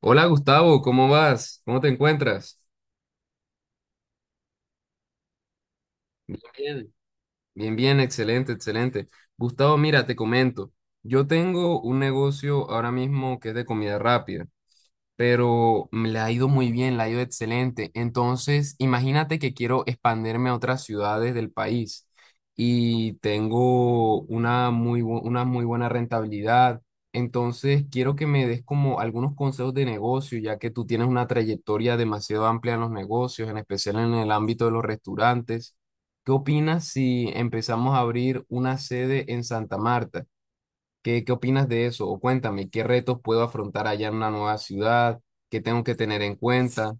Hola Gustavo, ¿cómo vas? ¿Cómo te encuentras? Bien. Bien, bien, excelente, excelente. Gustavo, mira, te comento. Yo tengo un negocio ahora mismo que es de comida rápida, pero me le ha ido muy bien, le ha ido excelente. Entonces, imagínate que quiero expandirme a otras ciudades del país y tengo una muy buena rentabilidad. Entonces, quiero que me des como algunos consejos de negocio, ya que tú tienes una trayectoria demasiado amplia en los negocios, en especial en el ámbito de los restaurantes. ¿Qué opinas si empezamos a abrir una sede en Santa Marta? ¿Qué opinas de eso? O cuéntame, ¿qué retos puedo afrontar allá en una nueva ciudad? ¿Qué tengo que tener en cuenta?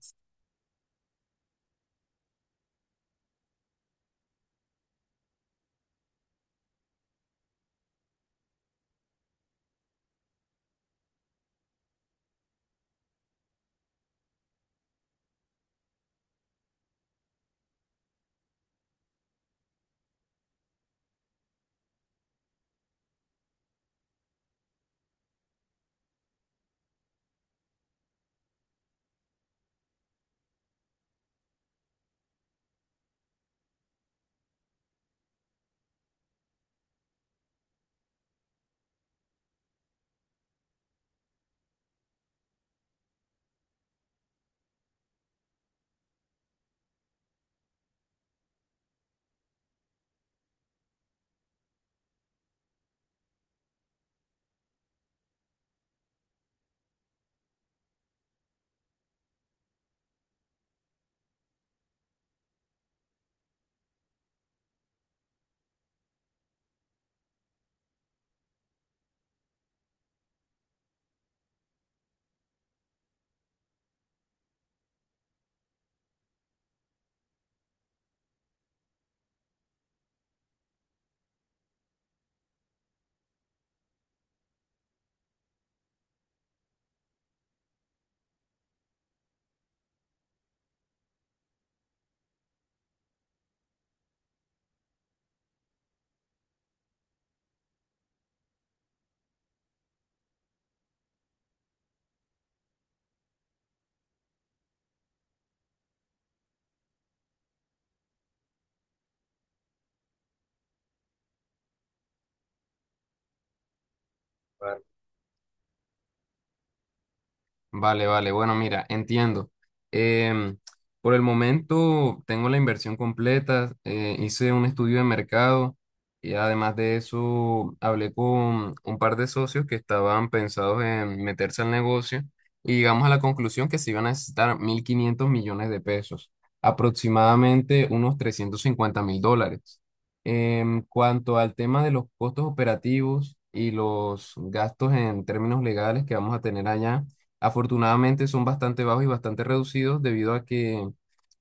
Vale, vale. Bueno, mira, entiendo. Em, por el momento tengo la inversión completa. Hice un estudio de mercado y además de eso hablé con un par de socios que estaban pensados en meterse al negocio y llegamos a la conclusión que se iban a necesitar 1.500 millones de pesos, aproximadamente unos 350.000 dólares. En cuanto al tema de los costos operativos y los gastos en términos legales que vamos a tener allá, afortunadamente son bastante bajos y bastante reducidos debido a que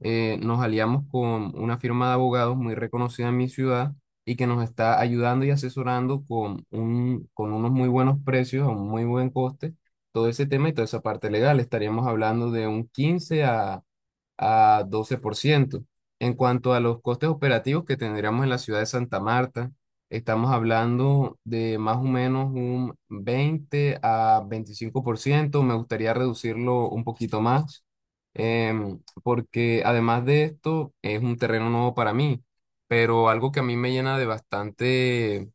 nos aliamos con una firma de abogados muy reconocida en mi ciudad y que nos está ayudando y asesorando con unos muy buenos precios, a un muy buen coste, todo ese tema y toda esa parte legal. Estaríamos hablando de un 15 a doce por ciento. En cuanto a los costes operativos que tendríamos en la ciudad de Santa Marta, estamos hablando de más o menos un 20 a 25%. Me gustaría reducirlo un poquito más, porque además de esto es un terreno nuevo para mí, pero algo que a mí me llena de bastante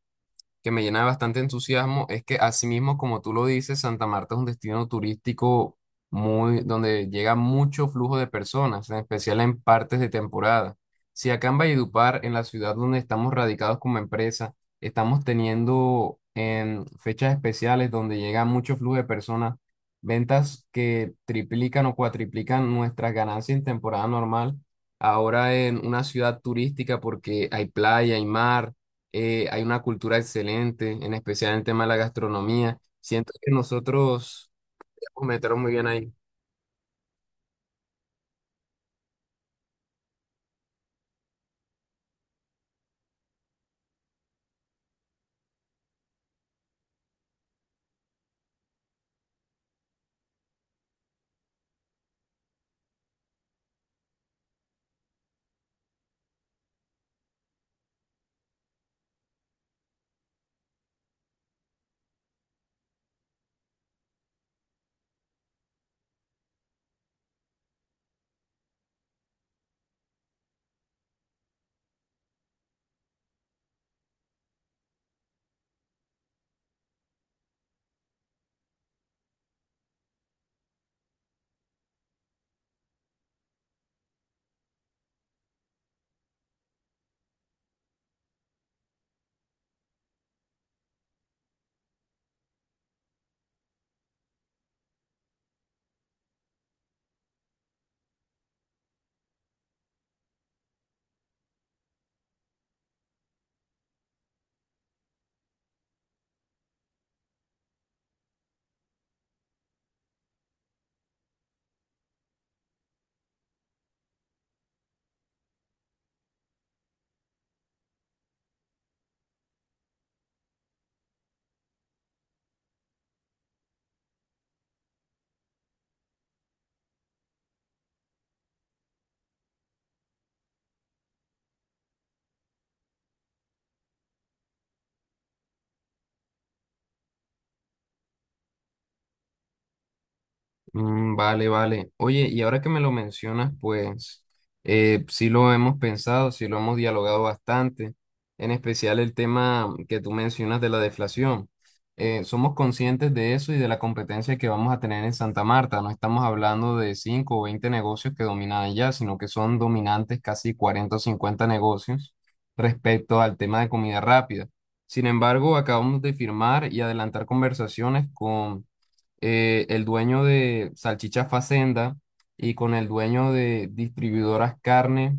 que me llena de bastante entusiasmo es que, asimismo, como tú lo dices, Santa Marta es un destino turístico muy donde llega mucho flujo de personas, en especial en partes de temporada. Si acá en Valledupar, en la ciudad donde estamos radicados como empresa, estamos teniendo en fechas especiales donde llega mucho flujo de personas, ventas que triplican o cuatriplican nuestras ganancias en temporada normal, ahora en una ciudad turística porque hay playa, hay mar, hay una cultura excelente, en especial en el tema de la gastronomía. Siento que nosotros nos metieron muy bien ahí. Mm, vale, vale. Oye, y ahora que me lo mencionas, pues sí lo hemos pensado, sí lo hemos dialogado bastante, en especial el tema que tú mencionas de la deflación. Somos conscientes de eso y de la competencia que vamos a tener en Santa Marta. No estamos hablando de 5 o 20 negocios que dominan allá, sino que son dominantes casi cuarenta o 50 negocios respecto al tema de comida rápida. Sin embargo, acabamos de firmar y adelantar conversaciones con el dueño de Salchicha Facenda y con el dueño de Distribuidoras Carne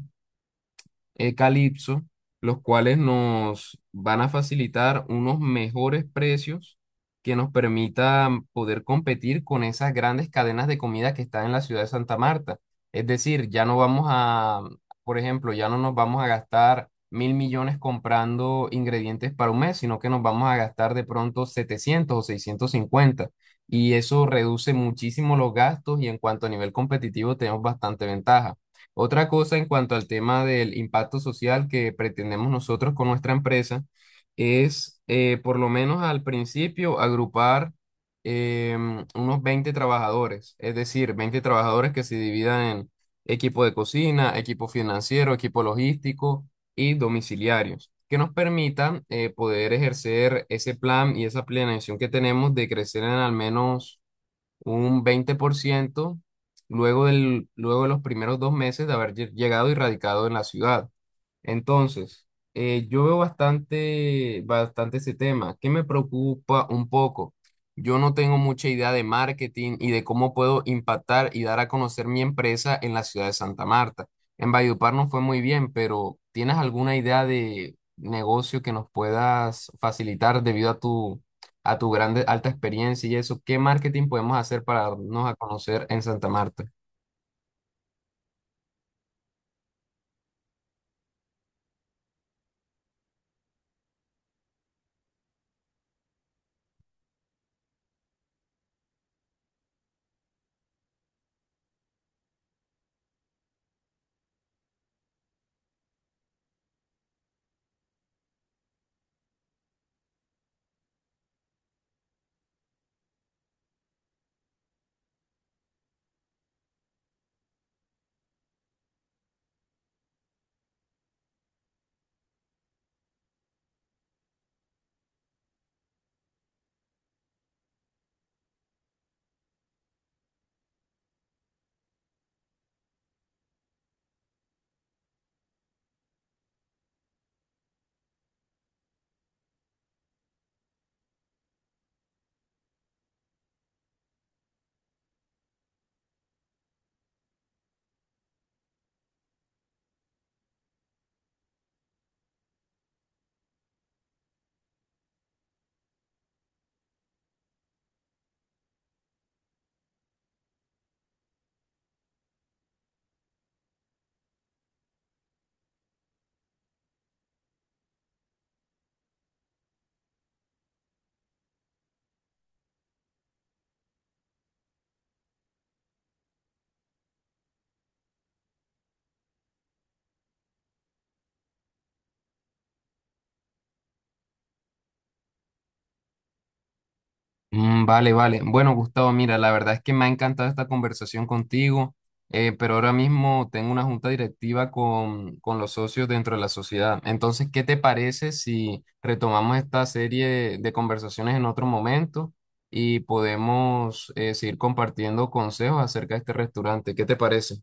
Calypso, los cuales nos van a facilitar unos mejores precios que nos permitan poder competir con esas grandes cadenas de comida que están en la ciudad de Santa Marta. Es decir, ya no vamos a, por ejemplo, ya no nos vamos a gastar 1.000 millones comprando ingredientes para un mes, sino que nos vamos a gastar de pronto 700 o 650. Y eso reduce muchísimo los gastos y, en cuanto a nivel competitivo, tenemos bastante ventaja. Otra cosa en cuanto al tema del impacto social que pretendemos nosotros con nuestra empresa es, por lo menos al principio, agrupar unos 20 trabajadores, es decir, 20 trabajadores que se dividan en equipo de cocina, equipo financiero, equipo logístico y domiciliarios, que nos permitan poder ejercer ese plan y esa planeación que tenemos de crecer en al menos un 20% luego de los primeros 2 meses de haber llegado y radicado en la ciudad. Entonces, yo veo bastante, bastante ese tema. ¿Qué me preocupa un poco? Yo no tengo mucha idea de marketing y de cómo puedo impactar y dar a conocer mi empresa en la ciudad de Santa Marta. En Valledupar no fue muy bien, pero ¿tienes alguna idea de negocio que nos puedas facilitar debido a tu, grande, alta experiencia y eso? ¿Qué marketing podemos hacer para darnos a conocer en Santa Marta? Mm, vale, vale. Bueno, Gustavo, mira, la verdad es que me ha encantado esta conversación contigo, pero ahora mismo tengo una junta directiva con los socios dentro de la sociedad. Entonces, ¿qué te parece si retomamos esta serie de conversaciones en otro momento y podemos seguir compartiendo consejos acerca de este restaurante? ¿Qué te parece?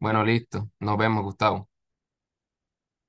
Bueno, listo. Nos vemos, Gustavo.